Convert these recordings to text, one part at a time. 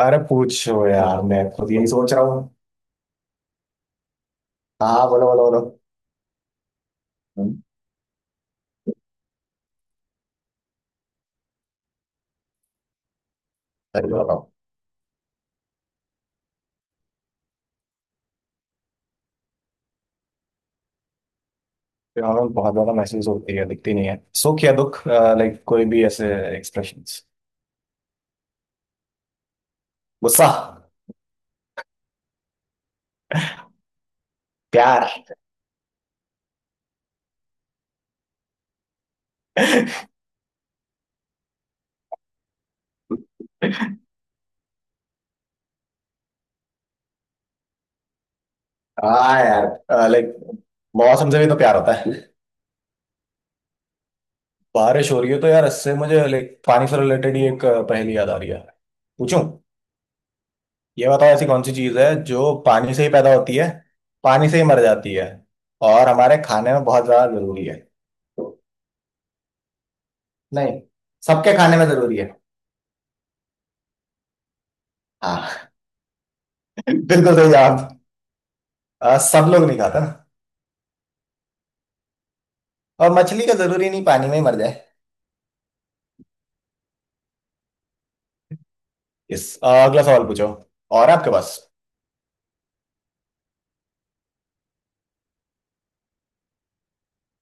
अरे पूछो यार, मैं खुद यही सोच रहा हूँ। हाँ बोलो बोलो बोलो। हम्म, सही तो बताओ। प्यार में बहुत ज्यादा महसूस होती है, दिखती नहीं है। सुख या दुख, लाइक कोई भी ऐसे एक्सप्रेशंस। गुस्सा। प्यार। हाँ यार, लाइक मौसम से भी तो प्यार होता है। बारिश हो रही है तो यार इससे मुझे लाइक पानी से रिलेटेड ही एक पहेली याद आ रही है। पूछूं? ये बताओ, ऐसी कौन सी चीज है जो पानी से ही पैदा होती है, पानी से ही मर जाती है, और हमारे खाने में बहुत ज्यादा जरूरी है? नहीं। सबके खाने में जरूरी है। हाँ। बिल्कुल सही जवाब। सब लोग नहीं खाता ना। और मछली का जरूरी नहीं पानी में ही मर जाए। इस अगला सवाल पूछो। और आपके पास?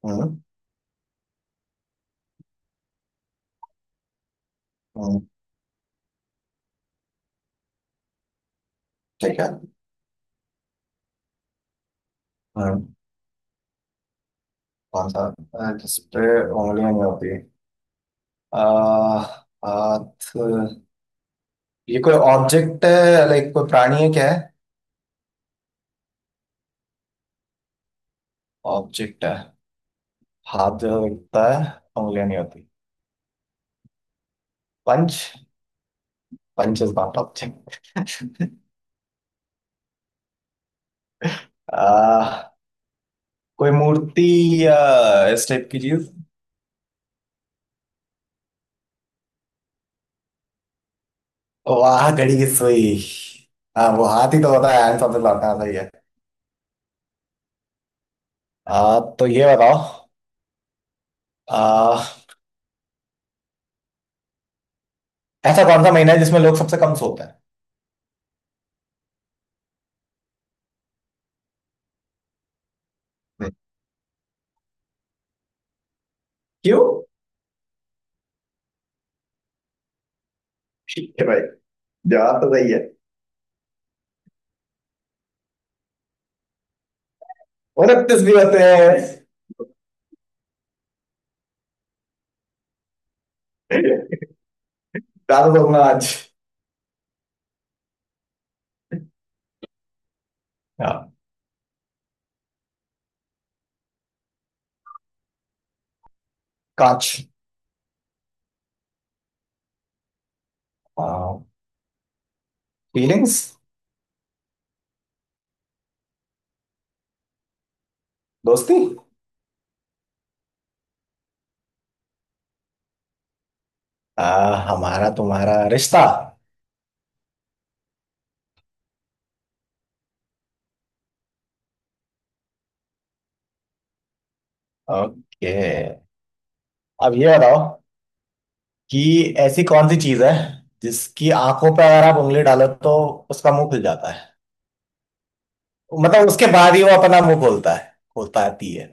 हम्म। हम्म, ठीक है। हम्म, कौन सा? जिस पे उंगलियां नहीं होती। अ, हाथ। ये कोई ऑब्जेक्ट है, लाइक कोई प्राणी है, क्या है? ऑब्जेक्ट है? हाथ जो दिखता है? उंगलियां नहीं होती। Punch. Punch is not object. कोई मूर्ति या इस टाइप की चीज? वाह, घड़ी की सुई। हाँ वो हाथी तो होता है आंसर सबसे लौटना सही है। तो ये बताओ। आ, ऐसा कौन सा महीना है जिसमें लोग सबसे कम सोते हैं? हम्म। क्यों? ठीक है भाई। जवाब तो सही है। उनतीस भी होते हैं। ज्यादा सोचना आज। हाँ, कांच। फीलिंग्स। दोस्ती। आ, हमारा तुम्हारा रिश्ता। ओके। अब ये बताओ कि ऐसी कौन सी चीज है जिसकी आंखों पे अगर आप उंगली डालो तो उसका मुंह खुल जाता है? मतलब उसके बाद ही वो अपना मुंह खोलता है। खोलता आती है।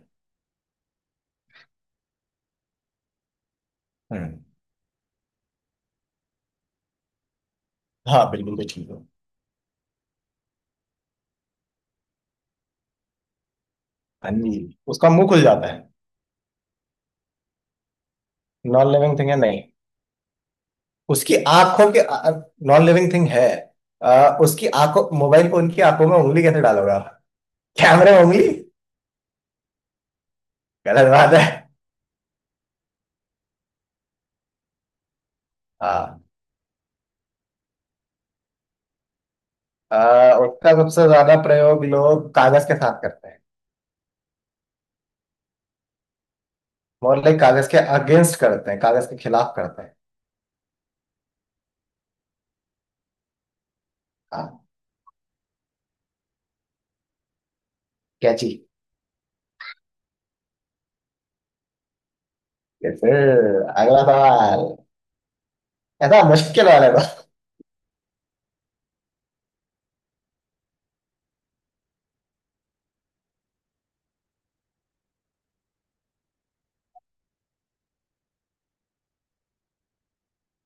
हम्म। हाँ बिल्कुल भी ठीक हो। हाँ जी। उसका मुंह खुल जाता है। नॉन लिविंग थिंग है नहीं। उसकी आंखों के, नॉन लिविंग थिंग है। उसकी आंखों मोबाइल फोन की आंखों में उंगली कैसे डालोगे आप? कैमरे में उंगली? गलत बात है। हाँ। अ, उसका सबसे ज्यादा प्रयोग लोग कागज के साथ करते हैं। मोर लाइक कागज के अगेंस्ट करते हैं, कागज के खिलाफ करते हैं। हाँ। कैची। ये फिर अगला सवाल। ऐसा मुश्किल वाले को।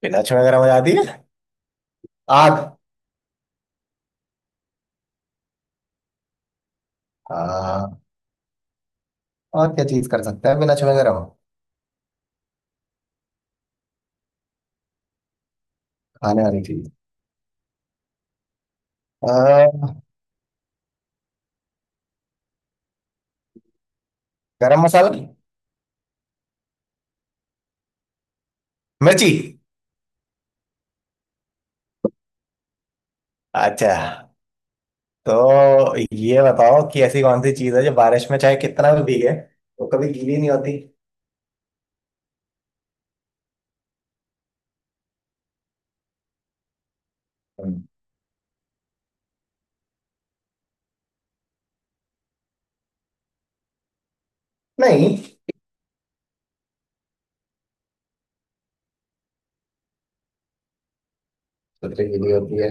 बिना छुए गर्म हो जाती है? आग। हाँ। और क्या चीज कर सकते हैं बिना छुए गर्म? खाने वाली चीज? अ, गरम मसाला। मिर्ची। अच्छा। तो ये बताओ कि ऐसी कौन सी चीज है जो बारिश में चाहे कितना भी भीगे, वो कभी गीली नहीं होती? हम्म। नहीं। सोचो गीली होती है,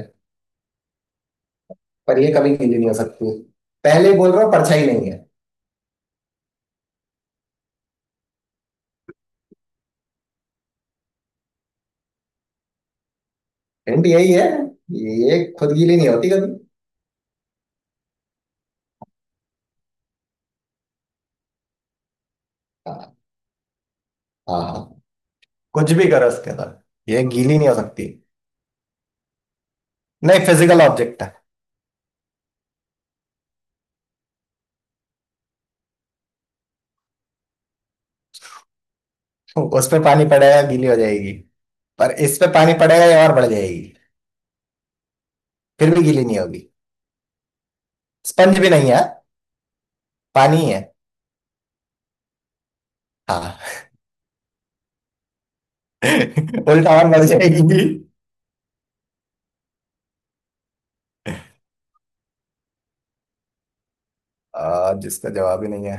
पर ये कभी गीली नहीं हो सकती। पहले बोल रहा हूँ, परछाई नहीं है। हिंट यही है। ये खुद गीली नहीं होती कभी। हाँ हाँ, कुछ भी करो उसके अंदर ये गीली नहीं हो सकती। नहीं, फिजिकल ऑब्जेक्ट है। उस पे पानी पड़ेगा गीली हो जाएगी, पर इस पे पानी पड़ेगा ये और बढ़ जाएगी। फिर भी गीली नहीं होगी। स्पंज भी नहीं है। पानी ही है। हाँ। उल्टा और बढ़ जाएगी। जिसका जवाब ही नहीं है,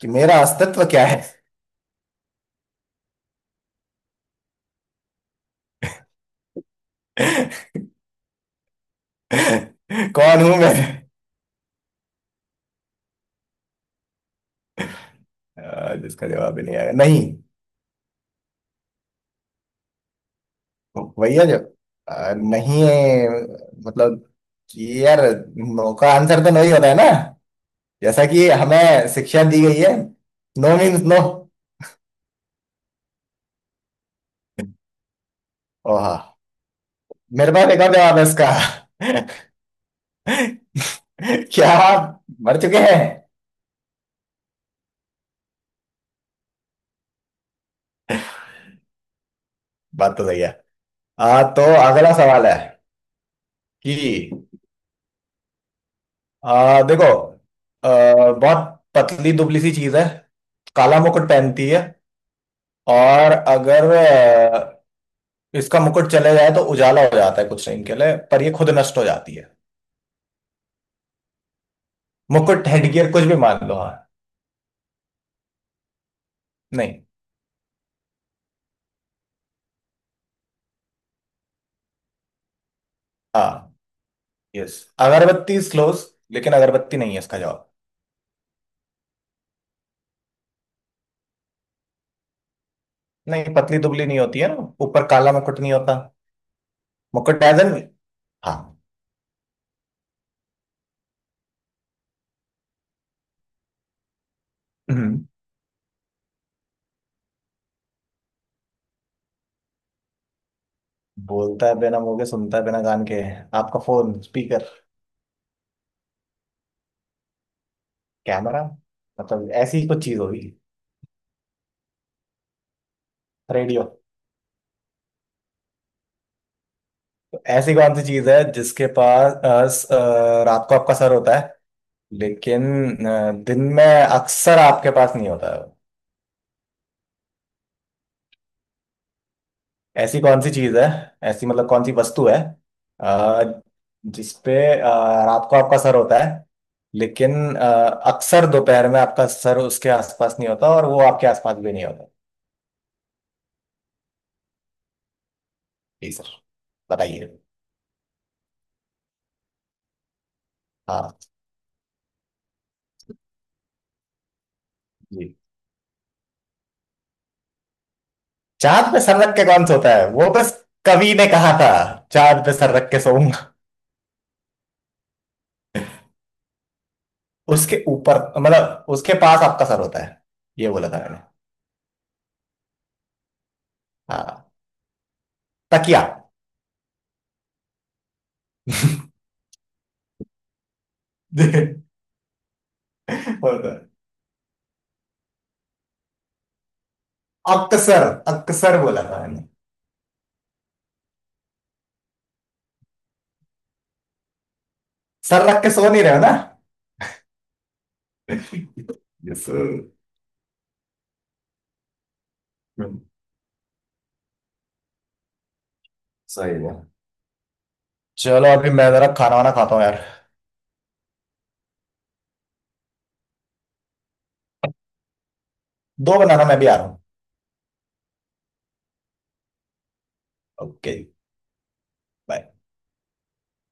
कि मेरा अस्तित्व क्या है। कौन हूं मैं। जिसका जवाब ही नहीं आया, नहीं। वही है जो नहीं है। मतलब कि यार, नो का आंसर तो नहीं होता है ना। जैसा कि हमें शिक्षा दी गई है, नो मीन्स नो। ओह। मेरे पास एक और जवाब है इसका। क्या आप मर चुके हैं? बात तो सही है। तो अगला सवाल है कि देखो, बहुत पतली दुबली सी चीज है, काला मुकुट पहनती है, और अगर इसका मुकुट चले जाए तो उजाला हो जाता है कुछ टाइम के लिए, पर ये खुद नष्ट हो जाती है। मुकुट हेडगियर कुछ भी मान लो। हाँ। नहीं। हाँ। यस। अगरबत्ती स्लोस। लेकिन अगरबत्ती नहीं है इसका जवाब। नहीं, पतली दुबली नहीं होती है ना, ऊपर काला मुकुट नहीं होता। मुकुट डायजन। हाँ। हम्म, बोलता है बिना मुंह के, सुनता है बिना कान के? आपका फोन स्पीकर? कैमरा? मतलब ऐसी ही कुछ चीज होगी। रेडियो। तो ऐसी कौन सी चीज है जिसके पास रात को आपका सर होता है, लेकिन दिन में अक्सर आपके पास नहीं होता? ऐसी कौन सी चीज है? ऐसी मतलब कौन सी वस्तु है? आ, जिसपे रात को आपका सर होता है, लेकिन अक्सर दोपहर में आपका सर उसके आसपास नहीं होता, और वो आपके आसपास भी नहीं होता। जी सर, बताइए। हाँ जी। चांद पे सर रख के कौन सोता है? वो बस कवि ने कहा था, चांद पे सर रख के सोऊंगा। उसके ऊपर मतलब उसके पास आपका सर होता है, ये बोला था मैंने। हाँ। तकिया। होता है। अक्सर। अक्सर बोला था मैंने। सर रख के सो नहीं रहे हो ना। Yes sir. सही है। चलो, अभी मैं जरा खाना वाना खाता हूँ यार। दो बनाना, मैं भी आ रहा हूँ। ओके। बाय।